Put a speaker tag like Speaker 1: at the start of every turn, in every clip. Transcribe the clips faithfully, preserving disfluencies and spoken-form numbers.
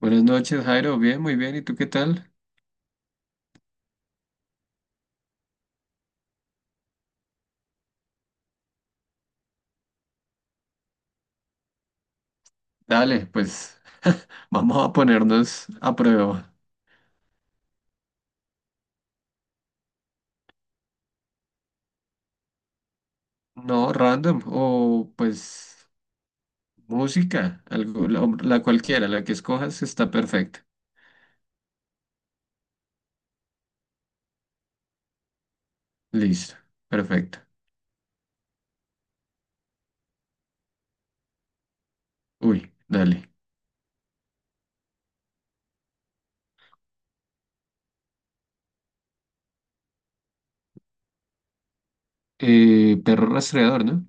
Speaker 1: Buenas noches, Jairo. Bien, muy bien. ¿Y tú qué tal? Dale, pues vamos a ponernos a prueba. No, random o pues música, algo, la, la cualquiera, la que escojas está perfecta. Listo, perfecto. Uy, dale. Eh, perro rastreador, ¿no?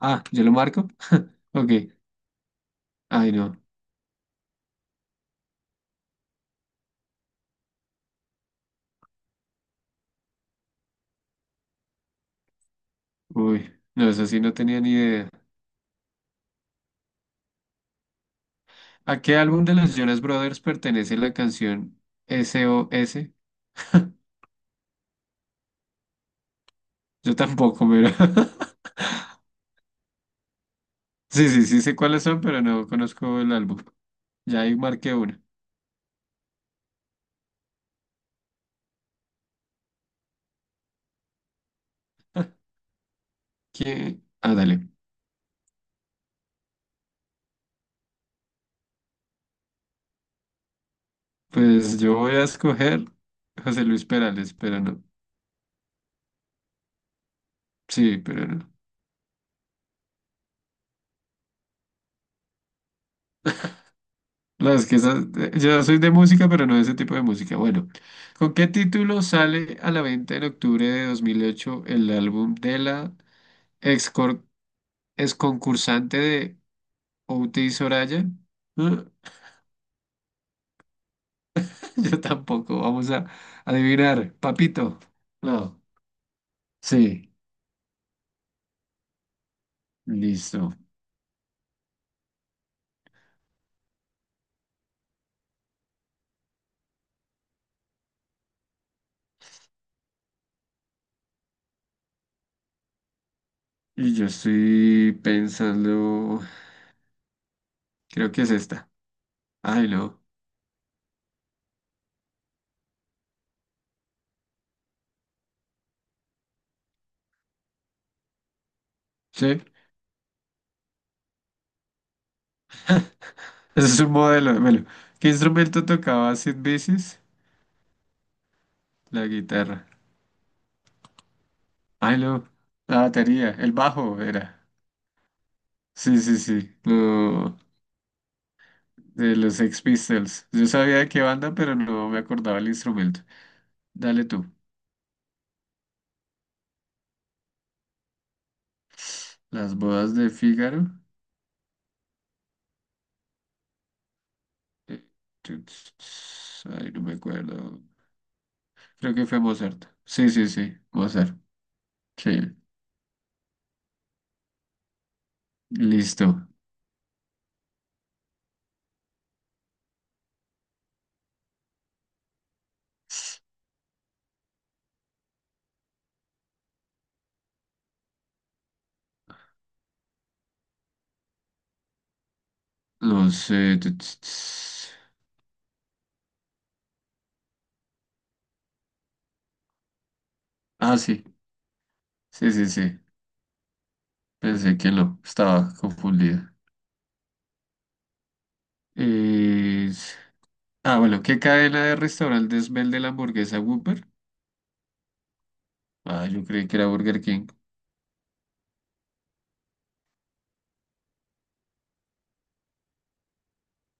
Speaker 1: Ah, ¿yo lo marco? Ok. Ay, no. Uy, no, eso sí no tenía ni idea. ¿A qué álbum de los Jonas Brothers pertenece la canción S O S? Yo tampoco, pero... Sí, sí, sí sé cuáles son, pero no conozco el álbum. Ya ahí marqué una. ¿Quién? Ah, dale. Pues yo voy a escoger José Luis Perales, pero no. Sí, pero no. No, es que esas- yo soy de música, pero no de ese tipo de música. Bueno, ¿con qué título sale a la venta en octubre de dos mil ocho el álbum de la ex, cor- ex concursante de Outi Soraya? ¿Ah? Yo tampoco. Vamos a adivinar. Papito. No. Sí, listo. Y yo estoy pensando, creo que es esta. Ay, no. Sí, ese es un modelo. De melo ¿Qué instrumento tocaba Sid Vicious? La guitarra. Ay, no. La batería, el bajo era. Sí, sí, sí. lo De los Sex Pistols. Yo sabía de qué banda, pero no me acordaba el instrumento. Dale tú. Las bodas de Fígaro. Eh, tu- ts- ts- Ay, no me acuerdo. Creo que fue Mozart. Sí, sí, sí. Mozart. Sí. Listo. Los... eh, tu- ts- ts- Ah, sí. Sí, sí, sí. Pensé que no. Estaba confundida. Es- Ah, bueno. ¿Qué cadena de restaurantes vende la hamburguesa Whopper? Ah, yo creí que era Burger King.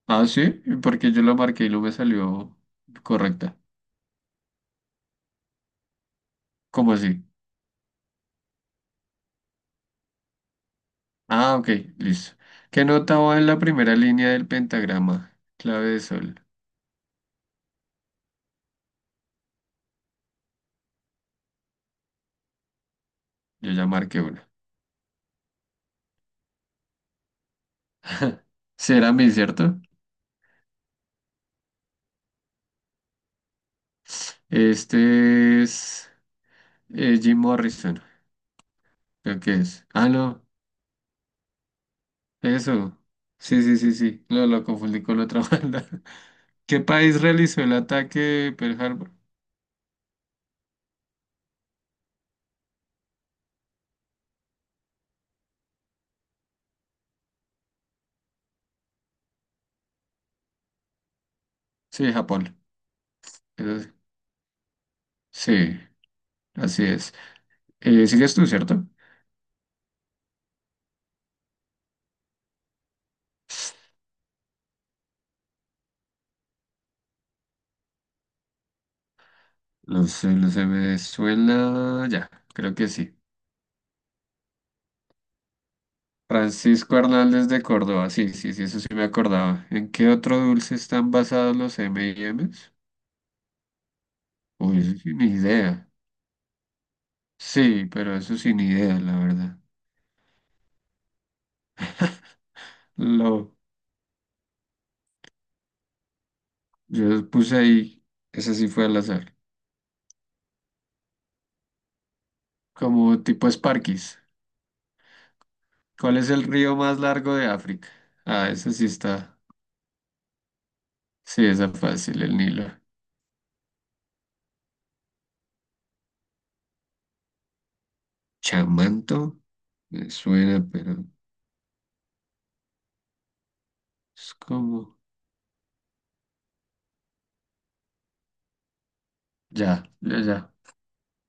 Speaker 1: Ah, sí. Porque yo lo marqué y no me salió correcta. ¿Cómo así? Ah, ok. Listo. ¿Qué nota va en la primera línea del pentagrama? Clave de sol. Yo ya marqué una. Será mi, ¿cierto? Este es eh, Jim Morrison. Creo que es. Ah, no. Eso. Sí, sí, sí, sí. Lo, lo confundí con la otra banda. ¿Qué país realizó el ataque Pearl Harbor? Sí, Japón. Eso sí. Sí, así es. Eh, ¿sigues tú, cierto? Los, eh, los de Venezuela, ya, creo que sí. Francisco Hernández de Córdoba, sí, sí, sí, eso sí me acordaba. ¿En qué otro dulce están basados los M and M's? Uy, eso sí, ni idea. Sí, pero eso sí, ni idea, la verdad. Lo, yo puse ahí, esa sí fue al azar. Como tipo Sparkies. ¿Cuál es el río más largo de África? Ah, esa sí está. Sí, esa fácil, el Nilo. Chamanto, me suena, pero es como. Ya, ya, ya.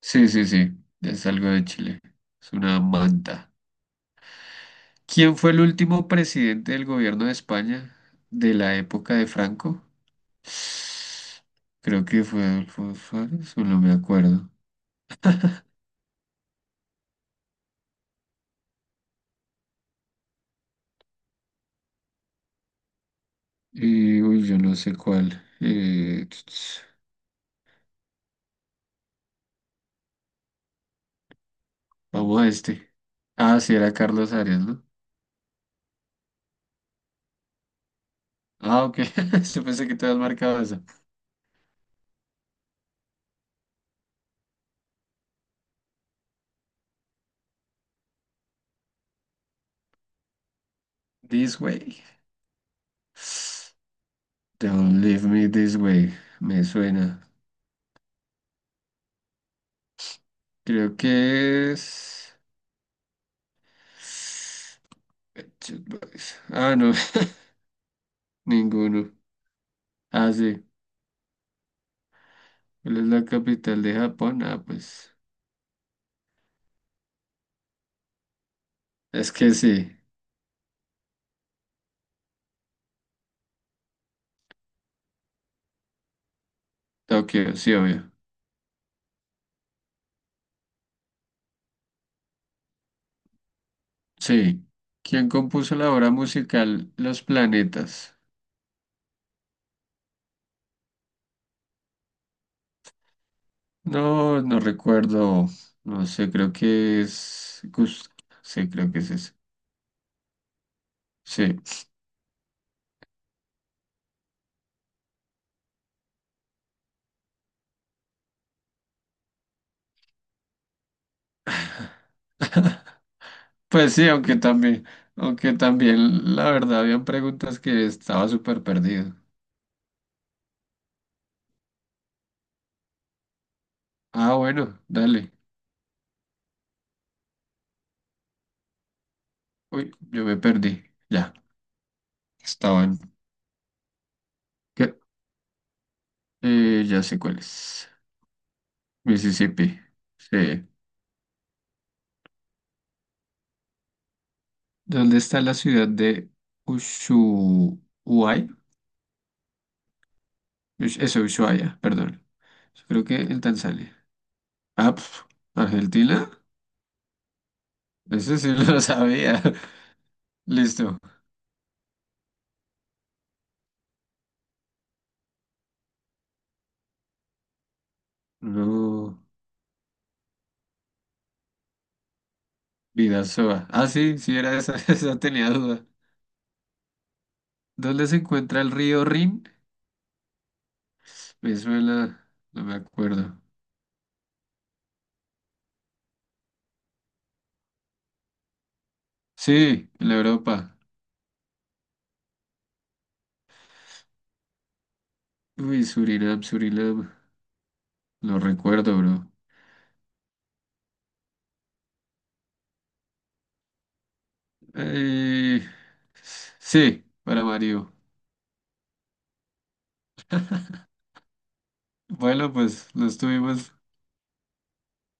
Speaker 1: Sí, sí, sí, es algo de Chile. Es una manta. ¿Quién fue el último presidente del gobierno de España de la época de Franco? Creo que fue Adolfo Suárez, o no me acuerdo. Y, uy, yo no sé cuál. Eh, Vamos a este. Ah, sí, era Carlos Arias, ¿no? Ah, ok. Yo pensé que te habías marcado esa. This way. Don't leave me this way. Me suena. Creo que es. Pet Shop Boys. Ah, no. Ninguno. Ah, sí. ¿Cuál es la capital de Japón? Ah, pues. Es que sí. Tokio, sí, obvio. Sí. ¿Quién compuso la obra musical Los Planetas? No, no recuerdo. No sé, creo que es Gust. Sí, creo que es ese. Sí. Pues sí, aunque también, aunque también, la verdad, habían preguntas que estaba súper perdido. Ah, bueno, dale. Uy, yo me perdí. Ya, estaban. ¿Qué? Eh, ya sé cuál es. Mississippi. Sí. ¿Dónde está la ciudad de Ushuaia? Ush- Eso, Ushuaia, perdón. Creo que en Tanzania. Ah, pf, Argentina. Ese sí lo sabía. Listo. Luego, Bidasoa. Ah, sí, sí era esa, esa tenía duda. ¿Dónde se encuentra el río Rin? Me suena, no me acuerdo. Sí, en la Europa. Uy, Surinam, Surinam. Lo recuerdo, bro. Eh, sí, para Mario. Bueno, pues lo estuvimos.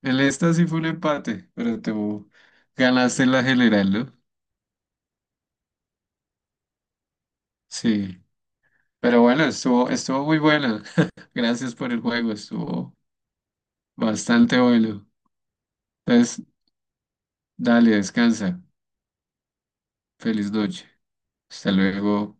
Speaker 1: El esta sí fue un empate, pero te ganaste la general, ¿no? Sí. Pero bueno, estuvo, estuvo muy bueno. Gracias por el juego, estuvo bastante bueno. Entonces, dale, descansa. Feliz noche. Hasta luego.